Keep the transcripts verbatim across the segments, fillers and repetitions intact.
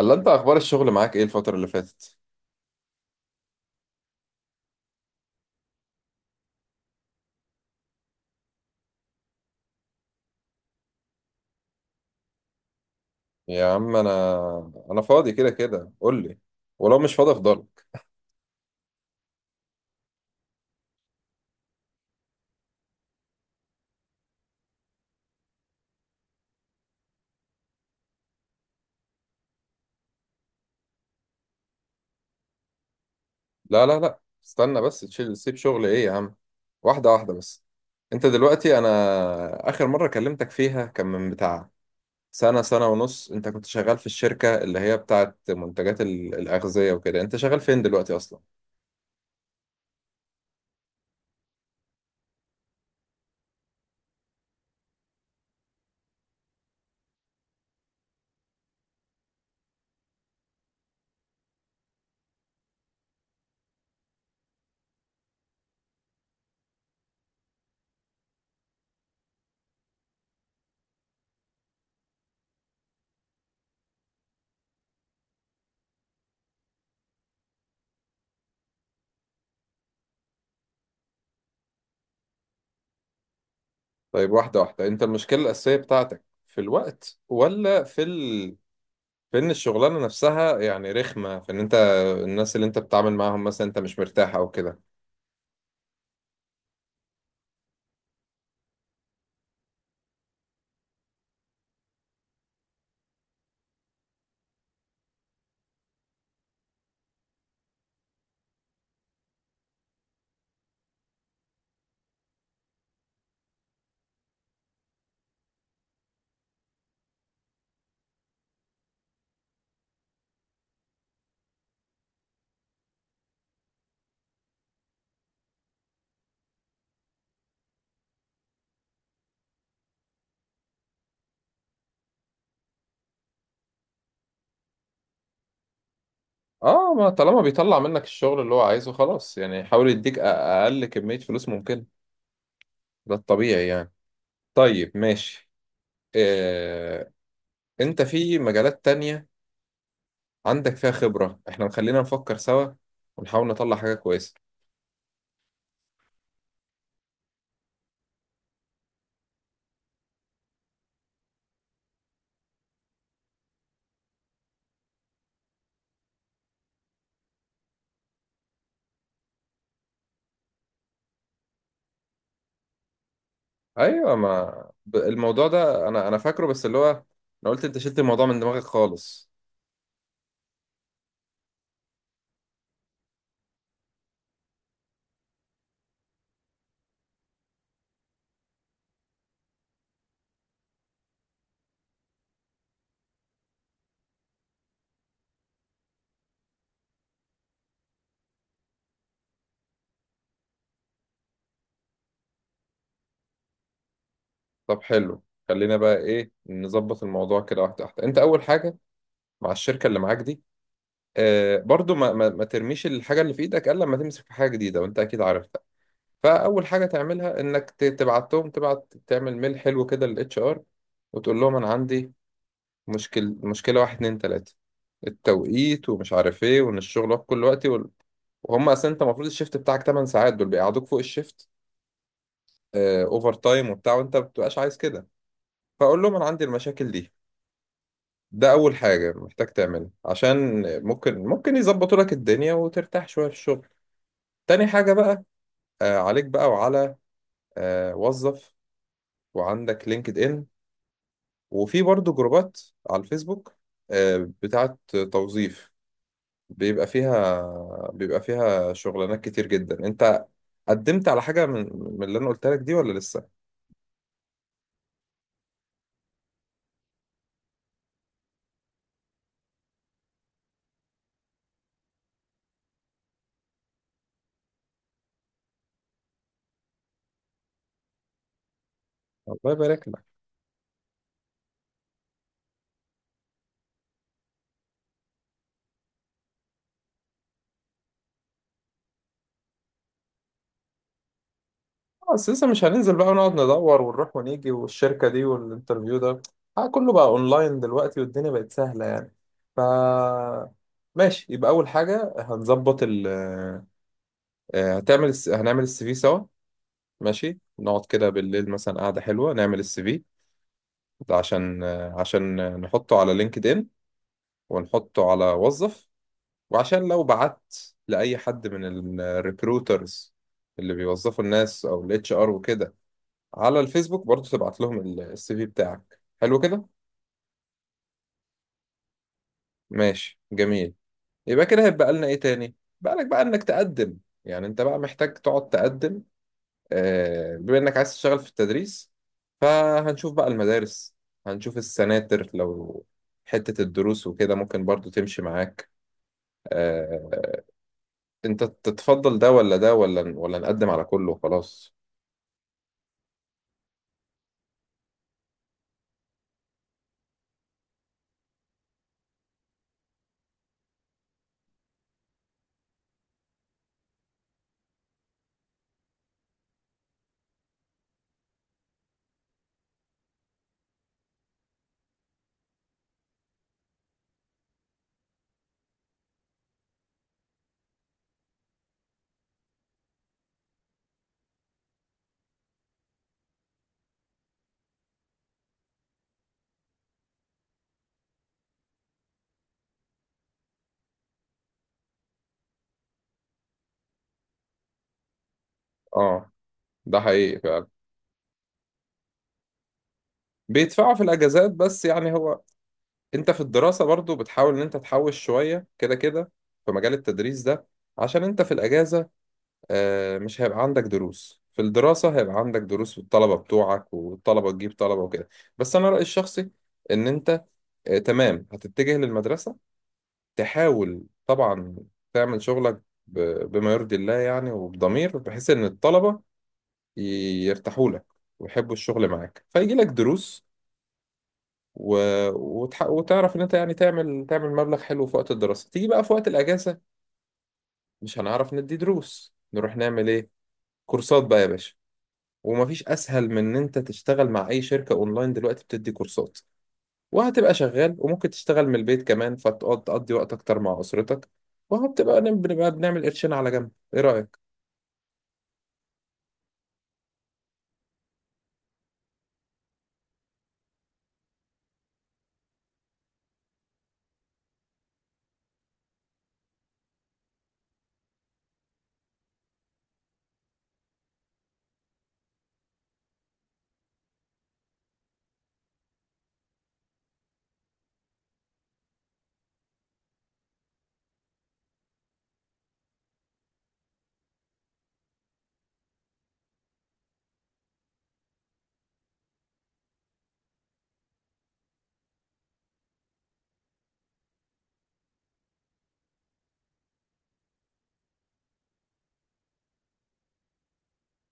الله، انت اخبار الشغل معاك ايه الفترة اللي فاتت؟ يا عم انا انا فاضي كده كده، قول لي. ولو مش فاضي افضلك. لا لا لا، استنى بس. تشيل سيب شغل ايه يا عم؟ واحدة واحدة بس. انت دلوقتي، انا اخر مرة كلمتك فيها كان من بتاع سنة سنة ونص. انت كنت شغال في الشركة اللي هي بتاعت منتجات ال- الأغذية وكده، انت شغال فين دلوقتي اصلا؟ طيب، واحدة واحدة، انت المشكلة الأساسية بتاعتك في الوقت ولا في في ان الشغلانه نفسها يعني رخمه، في ان انت الناس اللي انت بتتعامل معاهم مثلا انت مش مرتاح او كده؟ اه، ما طالما بيطلع منك الشغل اللي هو عايزه خلاص يعني يحاول يديك أ- اقل كميه فلوس ممكن. ده الطبيعي يعني. طيب ماشي. آه، انت في مجالات تانية عندك فيها خبره، احنا خلينا نفكر سوا ونحاول نطلع حاجه كويسه. ايوه، ما ب- الموضوع ده انا انا فاكره، بس اللي هو انا قلت انت شلت الموضوع من دماغك خالص. طب حلو، خلينا بقى ايه نظبط الموضوع كده، واحده واحده. انت اول حاجه مع الشركه اللي معاك دي، آه، برضو ما, ما, ما ترميش الحاجه اللي في ايدك الا لما تمسك في حاجه جديده، وانت اكيد عارفها. فاول حاجه تعملها انك ت- تبعت لهم، تبعت تعمل ميل حلو كده للاتش ار، وتقول لهم انا عندي مشكل مشكله، واحد اتنين تلاته: التوقيت، ومش عارف ايه، وان الشغل واقف كل وقت، وال- وهم اصلا، انت المفروض الشيفت بتاعك 8 ساعات، دول بيقعدوك فوق الشيفت، آه، اوفر تايم وبتاع، وانت ما بتبقاش عايز كده. فاقول لهم انا عندي المشاكل دي. ده أول حاجة محتاج تعملها عشان ممكن ممكن يظبطوا لك الدنيا وترتاح شوية في الشغل. تاني حاجة بقى، آه عليك بقى وعلى آه وظف، وعندك لينكد إن، وفي برضو جروبات على الفيسبوك، آه بتاعت توظيف، بيبقى فيها بيبقى فيها شغلانات كتير جدا. انت قدمت على حاجة من, من اللي انا قلت لك دي ولا لسه؟ الله يبارك. بس لسه، مش هننزل بقى ونقعد ندور ونروح ونيجي والشركة دي والانترفيو ده. آه، كله بقى اونلاين دلوقتي والدنيا بقت سهلة يعني. ف ماشي، يبقى اول حاجة هنظبط ال آه، هتعمل الس- هنعمل السي في سوا. ماشي، نقعد كده بالليل مثلا قعدة حلوة نعمل السي في ده، عشان آه، عشان نحطه على لينكد ان ونحطه على وظف، وعشان لو بعت لأي حد من الريكروترز اللي بيوظفوا الناس او الاتش ار وكده على الفيسبوك، برضو تبعت لهم ال- السي في بتاعك حلو كده. ماشي جميل. يبقى كده هيبقى لنا ايه تاني؟ بقى لك بقى انك تقدم، يعني انت بقى محتاج تقعد تقدم. آه، بما انك عايز تشتغل في التدريس، فهنشوف بقى المدارس، هنشوف السناتر، لو حتة الدروس وكده ممكن برضو تمشي معاك. آه، انت تتفضل ده ولا ده ولا ولا نقدم على كله وخلاص؟ اه، ده حقيقي فعلا. بيدفعوا في الاجازات، بس يعني هو انت في الدراسة برضو بتحاول ان انت تحوش شوية كده كده في مجال التدريس ده، عشان انت في الاجازة، آه، مش هيبقى عندك دروس. في الدراسة هيبقى عندك دروس، والطلبة بتوعك، والطلبة تجيب طلبة وكده. بس انا رأيي الشخصي ان انت، آه، تمام، هتتجه للمدرسة، تحاول طبعا تعمل شغلك ب- بما يرضي الله يعني، وبضمير، بحيث ان الطلبة ي- يرتاحوا لك ويحبوا الشغل معاك، فيجي لك دروس و... وتح... وتعرف ان انت يعني تعمل تعمل مبلغ حلو في وقت الدراسة. تيجي بقى في وقت الاجازة مش هنعرف ندي دروس، نروح نعمل ايه؟ كورسات بقى يا باشا. ومفيش اسهل من ان انت تشتغل مع اي شركة اونلاين دلوقتي بتدي كورسات، وهتبقى شغال، وممكن تشتغل من البيت كمان، فتقعد تقضي وقت اكتر مع اسرتك، وهتبقى نب- بنبقى بنعمل قرشين على جنب. ايه رأيك؟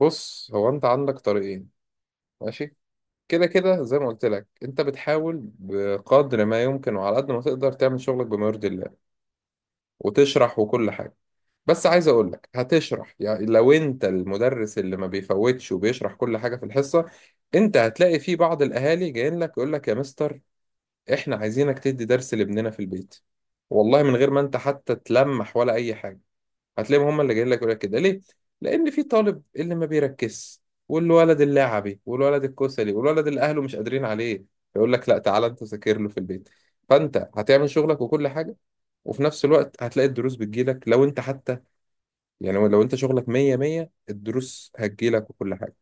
بص، هو انت عندك طريقين. ماشي، كده كده زي ما قلت لك انت بتحاول بقدر ما يمكن وعلى قد ما تقدر تعمل شغلك بما يرضي الله وتشرح وكل حاجة. بس عايز اقول لك هتشرح يعني لو انت المدرس اللي ما بيفوتش وبيشرح كل حاجة في الحصة، انت هتلاقي في بعض الاهالي جايين لك يقول لك يا مستر، احنا عايزينك تدي درس لابننا في البيت. والله من غير ما انت حتى تلمح ولا اي حاجة، هتلاقيهم هم اللي جايين لك يقول لك كده، ليه؟ لان في طالب اللي ما بيركزش، والولد اللعبي، والولد الكسلي، والولد اللي اهله مش قادرين عليه، يقول لك لا، تعالى انت ذاكر له في البيت. فانت هتعمل شغلك وكل حاجة، وفي نفس الوقت هتلاقي الدروس بتجيلك. لو انت حتى يعني، لو انت شغلك مية مية الدروس هتجيلك وكل حاجة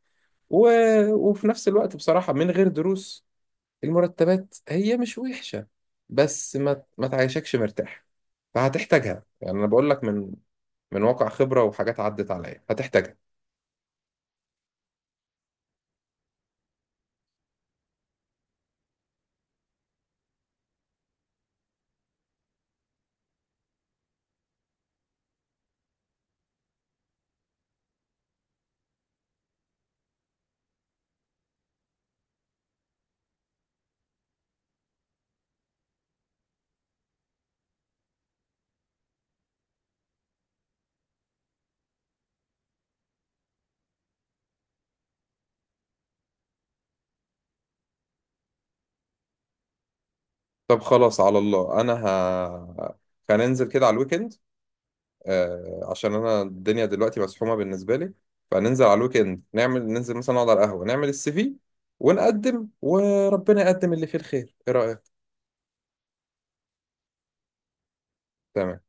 و... وفي نفس الوقت بصراحة من غير دروس المرتبات هي مش وحشة، بس ما ما تعيشكش مرتاح. فهتحتاجها، يعني انا بقول لك من من واقع خبرة وحاجات عدت عليا، هتحتاجها. طب خلاص، على الله، انا ه... هننزل كده على الويكند، آه، عشان انا الدنيا دلوقتي مسحومه بالنسبه لي، فننزل على الويك اند نعمل، ننزل مثلا نقعد على القهوه نعمل السي في ونقدم وربنا يقدم اللي فيه الخير. ايه رايك؟ تمام.